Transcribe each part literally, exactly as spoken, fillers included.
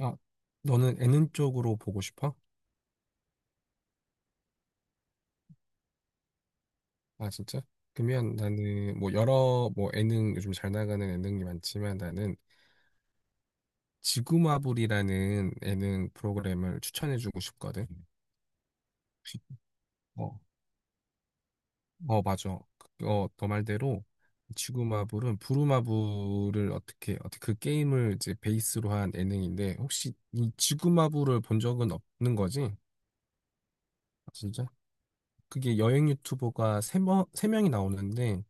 아, 너는 예능 쪽으로 보고 싶어? 아, 진짜? 그러면 나는 뭐 여러 뭐 예능 요즘 잘 나가는 예능이 많지만 나는 지구마블이라는 예능 프로그램을 추천해주고 싶거든. 어, 어, 맞아. 그- 어, 너 말대로 지구마블은 부루마블을 어떻게 어떻게 그 게임을 이제 베이스로 한 예능인데, 혹시 이 지구마블을 본 적은 없는 거지? 아, 진짜? 그게 여행 유튜버가 세 명, 세 명이 나오는데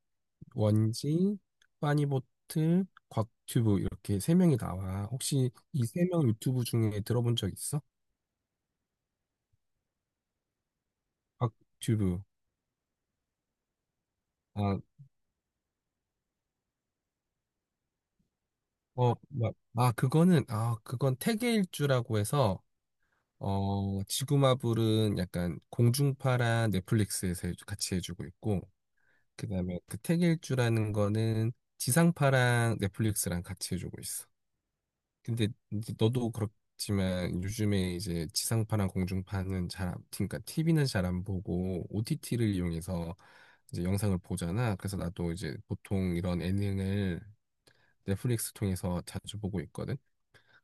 원지, 빠니보트, 곽튜브 이렇게 세 명이 나와. 혹시 이 세 명 유튜브 중에 들어본 적 있어? 곽튜브. 아, 어, 마- 아, 그거는 아, 그건 태계일주라고 해서 어, 지구마블은 약간 공중파랑 넷플릭스에서 해주- 같이 해주고 있고, 그다음에 그 태계일주라는 거는 지상파랑 넷플릭스랑 같이 해주고 있어. 근데 이제 너도 그렇지만 요즘에 이제 지상파랑 공중파는 잘, 안- 그러니까 티비는 잘 안 보고 오티티를 이용해서 이제 영상을 보잖아. 그래서 나도 이제 보통 이런 예능을 넷플릭스 통해서 자주 보고 있거든.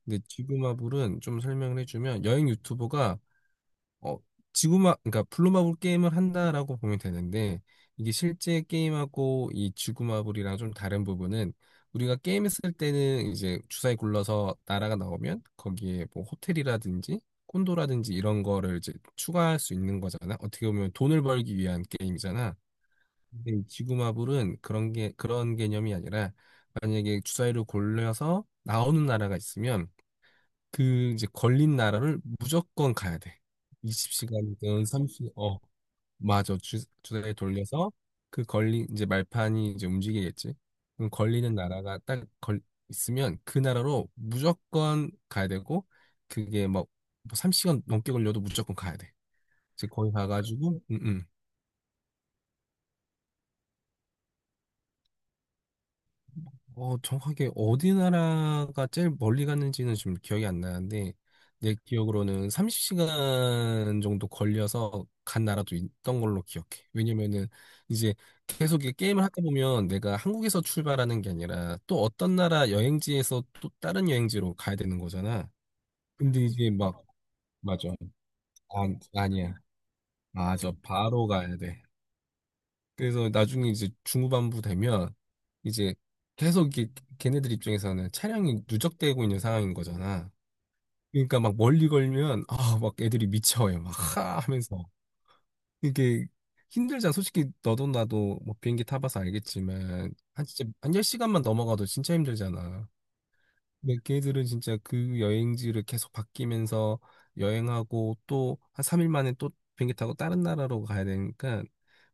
근데 지구마블은 좀 설명을 해주면 여행 유튜버가 어, 지구마, 그러니까 블루마블 게임을 한다라고 보면 되는데, 이게 실제 게임하고 이 지구마블이랑 좀 다른 부분은, 우리가 게임했을 때는 이제 주사위 굴러서 나라가 나오면, 거기에 뭐 호텔이라든지, 콘도라든지 이런 거를 이제 추가할 수 있는 거잖아. 어떻게 보면 돈을 벌기 위한 게임이잖아. 근데 이 지구마블은 그런 게, 그런 개념이 아니라, 만약에 주사위를 굴려서 나오는 나라가 있으면, 그 이제 걸린 나라를 무조건 가야 돼. 스무 시간이든 삼십, 어, 맞아. 주, 주사위 돌려서 그 걸린 이제 말판이 이제 움직이겠지. 그럼 걸리는 나라가 딱 걸, 있으면 그 나라로 무조건 가야 되고 그게 막 세 시간 넘게 걸려도 무조건 가야 돼. 이제 거기 가가지고 응응. 어, 정확하게 어디 나라가 제일 멀리 갔는지는 지금 기억이 안 나는데, 내 기억으로는 삼십 시간 정도 걸려서 간 나라도 있던 걸로 기억해. 왜냐면은 이제 계속 이 게임을 하다 보면 내가 한국에서 출발하는 게 아니라 또 어떤 나라 여행지에서 또 다른 여행지로 가야 되는 거잖아. 근데 이제 막, 맞아. 아, 아니야. 맞아. 바로 가야 돼. 그래서 나중에 이제 중후반부 되면 이제 계속 이게 걔네들 입장에서는 차량이 누적되고 있는 상황인 거잖아. 그러니까 막 멀리 걸면 아, 막 애들이 미쳐해 막 하 하면서 이게 힘들잖아. 솔직히 너도 나도 뭐 비행기 타봐서 알겠지만 한 진짜 한 열 시간만 넘어가도 진짜 힘들잖아. 근데 걔들은 진짜 그 여행지를 계속 바뀌면서 여행하고 또 한 삼 일 만에 또 비행기 타고 다른 나라로 가야 되니까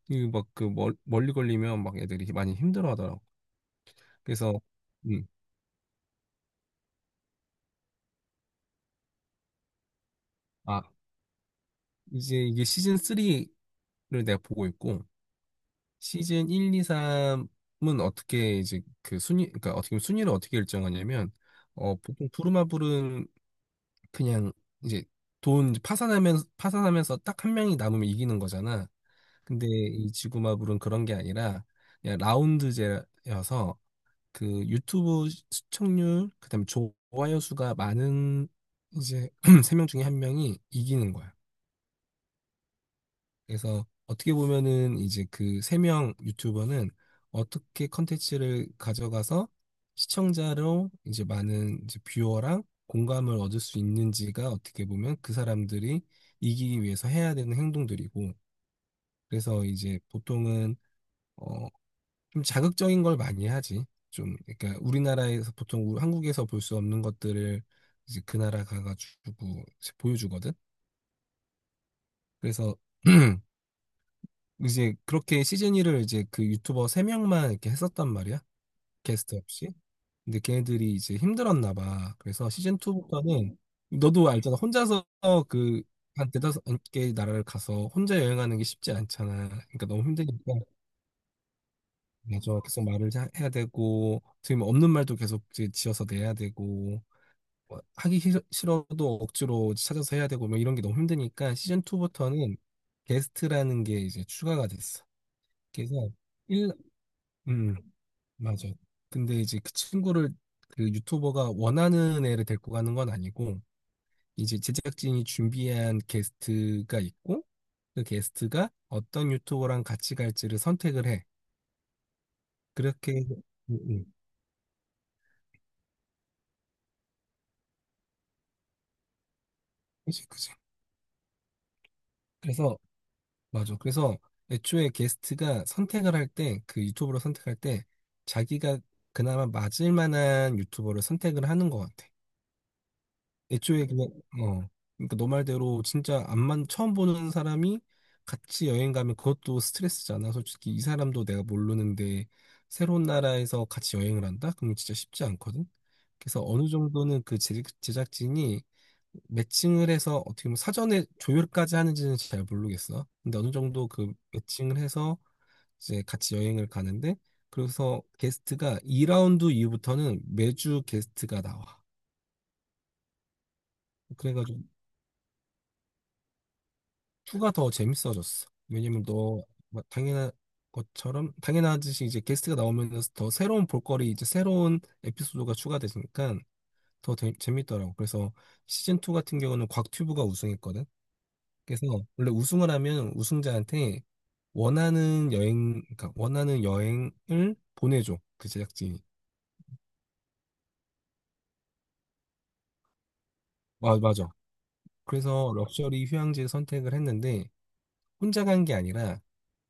이막그 멀리 걸리면 막 애들이 많이 힘들어 하더라고. 그래서 음. 아, 이제 이게 시즌 삼을 내가 보고 있고 시즌 일, 이, 삼은 어떻게 이제 그 순위 그러니까 어떻게 보면 순위를 어떻게 일정하냐면 어 보통 부루마블은 그냥 이제 돈 이제 파산하면서 파산하면서 딱 한 명이 남으면 이기는 거잖아. 근데 이 지구마블은 그런 게 아니라 그냥 라운드제여서 그 유튜브 시청률, 그다음에 좋아요 수가 많은 이제 세 명 중에 한 명이 이기는 거야. 그래서 어떻게 보면은 이제 그 세 명 유튜버는 어떻게 컨텐츠를 가져가서 시청자로 이제 많은 이제 뷰어랑 공감을 얻을 수 있는지가 어떻게 보면 그 사람들이 이기기 위해서 해야 되는 행동들이고 그래서 이제 보통은 어 좀 자극적인 걸 많이 하지. 좀, 그러니까 우리나라에서 보통 우- 한국에서 볼 수 없는 것들을 이제 그 나라 가가지고 이제 보여주거든. 그래서 이제 그렇게 시즌 일을 이제 그 유튜버 세명만 이렇게 했었단 말이야. 게스트 없이. 근데 걔네들이 이제 힘들었나 봐. 그래서 시즌 이부터는 너도 알잖아. 혼자서 그 한 대다섯 개 나라를 가서 혼자 여행하는 게 쉽지 않잖아. 그러니까 너무 힘드니까 맞아. 계속 말을 하- 해야 되고, 지금 없는 말도 계속 이제 지어서 내야 되고, 뭐 하기 싫- 싫어도 억지로 찾아서 해야 되고, 뭐 이런 게 너무 힘드니까 시즌 이부터는 게스트라는 게 이제 추가가 됐어. 그래서 일 음, 맞아. 근데 이제 그 친구를 그 유튜버가 원하는 애를 데리고 가는 건 아니고, 이제 제작진이 준비한 게스트가 있고, 그 게스트가 어떤 유튜버랑 같이 갈지를 선택을 해. 그렇게, 해서- 음, 음. 그치, 그치. 그래서 맞아. 그래서 애초에 게스트가 선택을 할 때, 그 유튜버를 선택할 때, 자기가 그나마 맞을 만한 유튜버를 선택을 하는 것 같아. 애초에 그냥 어 그러니까 너 말대로 진짜 안만 처음 보는 사람이 같이 여행 가면 그것도 스트레스잖아. 솔직히 이 사람도 내가 모르는데 새로운 나라에서 같이 여행을 한다? 그러면 진짜 쉽지 않거든. 그래서 어느 정도는 그 제- 제작진이 매칭을 해서 어떻게 보면 사전에 조율까지 하는지는 잘 모르겠어. 근데 어느 정도 그 매칭을 해서 이제 같이 여행을 가는데 그래서 게스트가 이 라운드 이후부터는 매주 게스트가 나와. 그래가지고 이가 더 재밌어졌어. 왜냐면 너뭐 당연한 것처럼 당연하듯이 이제 게스트가 나오면서 더 새로운 볼거리 이제 새로운 에피소드가 추가되니까 더 재- 재밌더라고. 그래서 시즌 이 같은 경우는 곽튜브가 우승했거든. 그래서 원래 우승을 하면 우승자한테 원하는 여행 그러니까 원하는 여행을 보내줘. 그 제작진이. 아, 맞아. 그래서 럭셔리 휴양지 선택을 했는데 혼자 간 게 아니라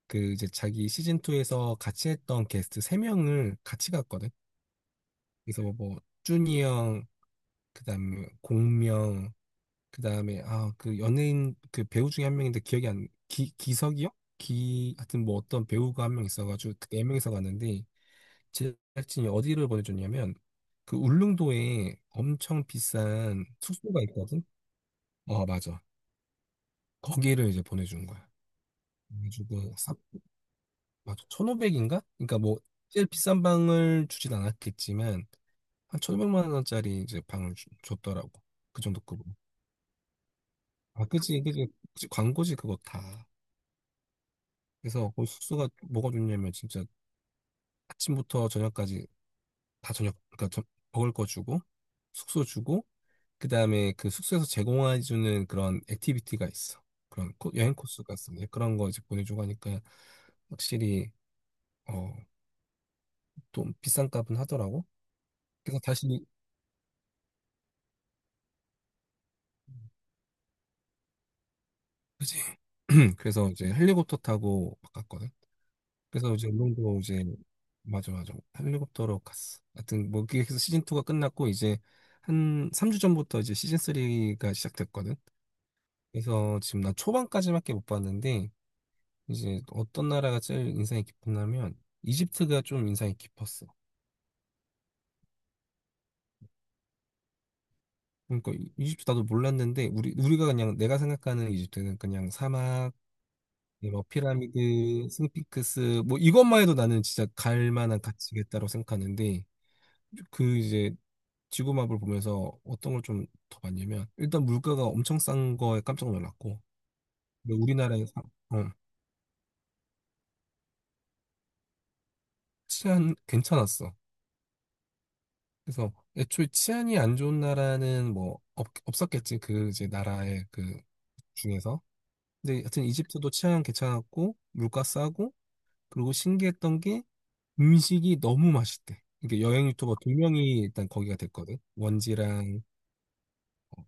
그 이제 자기 시즌 이에서 같이 했던 게스트 세명을 같이 갔거든. 그래서 뭐 준이 형, 그다음에 공명, 그다음에 아 그 연예인 그 배우 중에 한 명인데 기억이 안 기, 기석이 요 기, 하여튼 뭐 어떤 배우가 한 명 있어가지고 그네 명이서 갔는데 제작진이 어디를 보내줬냐면 그 울릉도에 엄청 비싼 숙소가 있거든. 어 맞아. 거기를 이제 보내준 거야. 그래가지고 맞아. 천오백인가? 그러니까 뭐 제일 비싼 방을 주진 않았겠지만 한 천오백만 원짜리 이제 방을 주- 줬더라고. 그 정도 급으로. 아, 그지, 그지, 그지. 광고지 그거 다. 그래서 거기 숙소가 뭐가 좋냐면 진짜 아침부터 저녁까지 다 저녁 그러니까 저- 먹을 거 주고 숙소 주고 그다음에 그 숙소에서 제공해 주는 그런 액티비티가 있어. 그런 코- 여행 코스가 있습니다. 그런 거 이제 보내주고 하니까 확실히 어 좀 비싼 값은 하더라고. 그래서 다시 그지. 그래서 이제 헬리콥터 타고 갔거든. 그래서 이제 울릉도 이제 맞아 맞아 헬리콥터로 갔어. 하여튼 뭐 그게 해래서 시즌 이가 끝났고 이제 한 삼 주 전부터 이제 시즌 삼이 시작됐거든. 그래서 지금 나 초반까지밖에 못 봤는데 이제 어떤 나라가 제일 인상이 깊었냐면 이집트가 좀 인상이 깊었어. 그러니까 이- 이집트 나도 몰랐는데 우리 우리가 그냥 내가 생각하는 이집트는 그냥 사막 이뭐 피라미드, 스핑크스 뭐 이것만 해도 나는 진짜 갈 만한 가치겠다고 생각하는데 그 이제 지구맵을 보면서 어떤 걸 좀 더 봤냐면 일단 물가가 엄청 싼 거에 깜짝 놀랐고 근데 우리나라의 사- 어, 치안 괜찮았어. 그래서 애초에 치안이 안 좋은 나라는 뭐 없, 없었겠지 그 이제 나라의 그 중에서 근데 하여튼 이집트도 치안 괜찮았고 물가 싸고 그리고 신기했던 음식이 너무 맛있대. 이게 여행 유튜버 두 명이 일단 거기가 됐거든. 원지랑 어,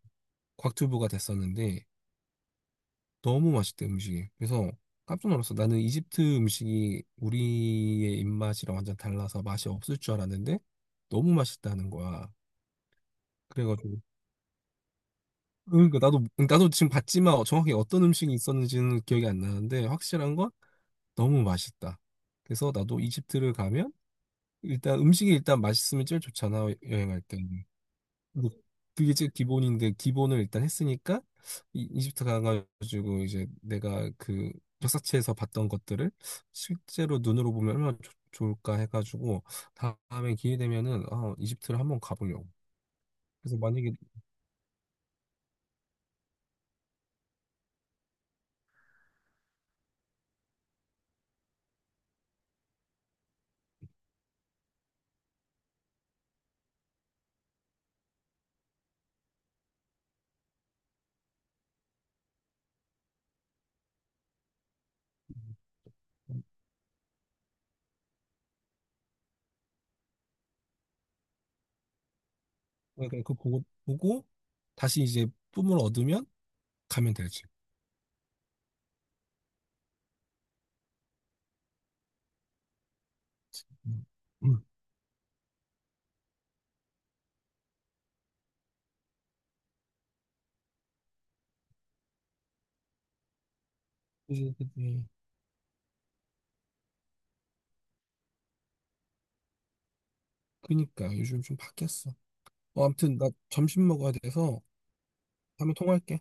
곽튜브가 됐었는데 너무 맛있대 음식이. 그래서 깜짝 놀랐어. 나는 이집트 음식이 우리의 입맛이랑 완전 달라서 맛이 없을 줄 알았는데 너무 맛있다는 거야. 그래가지고 그러니까 나도 나도 지금 봤지만 정확히 어떤 음식이 있었는지는 기억이 안 나는데 확실한 건 너무 맛있다. 그래서 나도 이집트를 가면 일단 음식이 일단 맛있으면 제일 좋잖아 여행할 때. 뭐, 그게 제 기본인데 기본을 일단 했으니까 이- 이집트 가가지고 이제 내가 그 역사책에서 봤던 것들을 실제로 눈으로 보면 얼마나 좋- 좋을까 해가지고 다음에 기회 되면은 아, 이집트를 한번 가보려고. 그래서 만약에 그러니까 그 보고 보고 다시 이제 뿜을 얻으면 가면 되지. 음. 음. 그 그지. 그니까 요즘 좀 바뀌었어. 어, 아무튼 나 점심 먹어야 돼서 다음에 통화할게.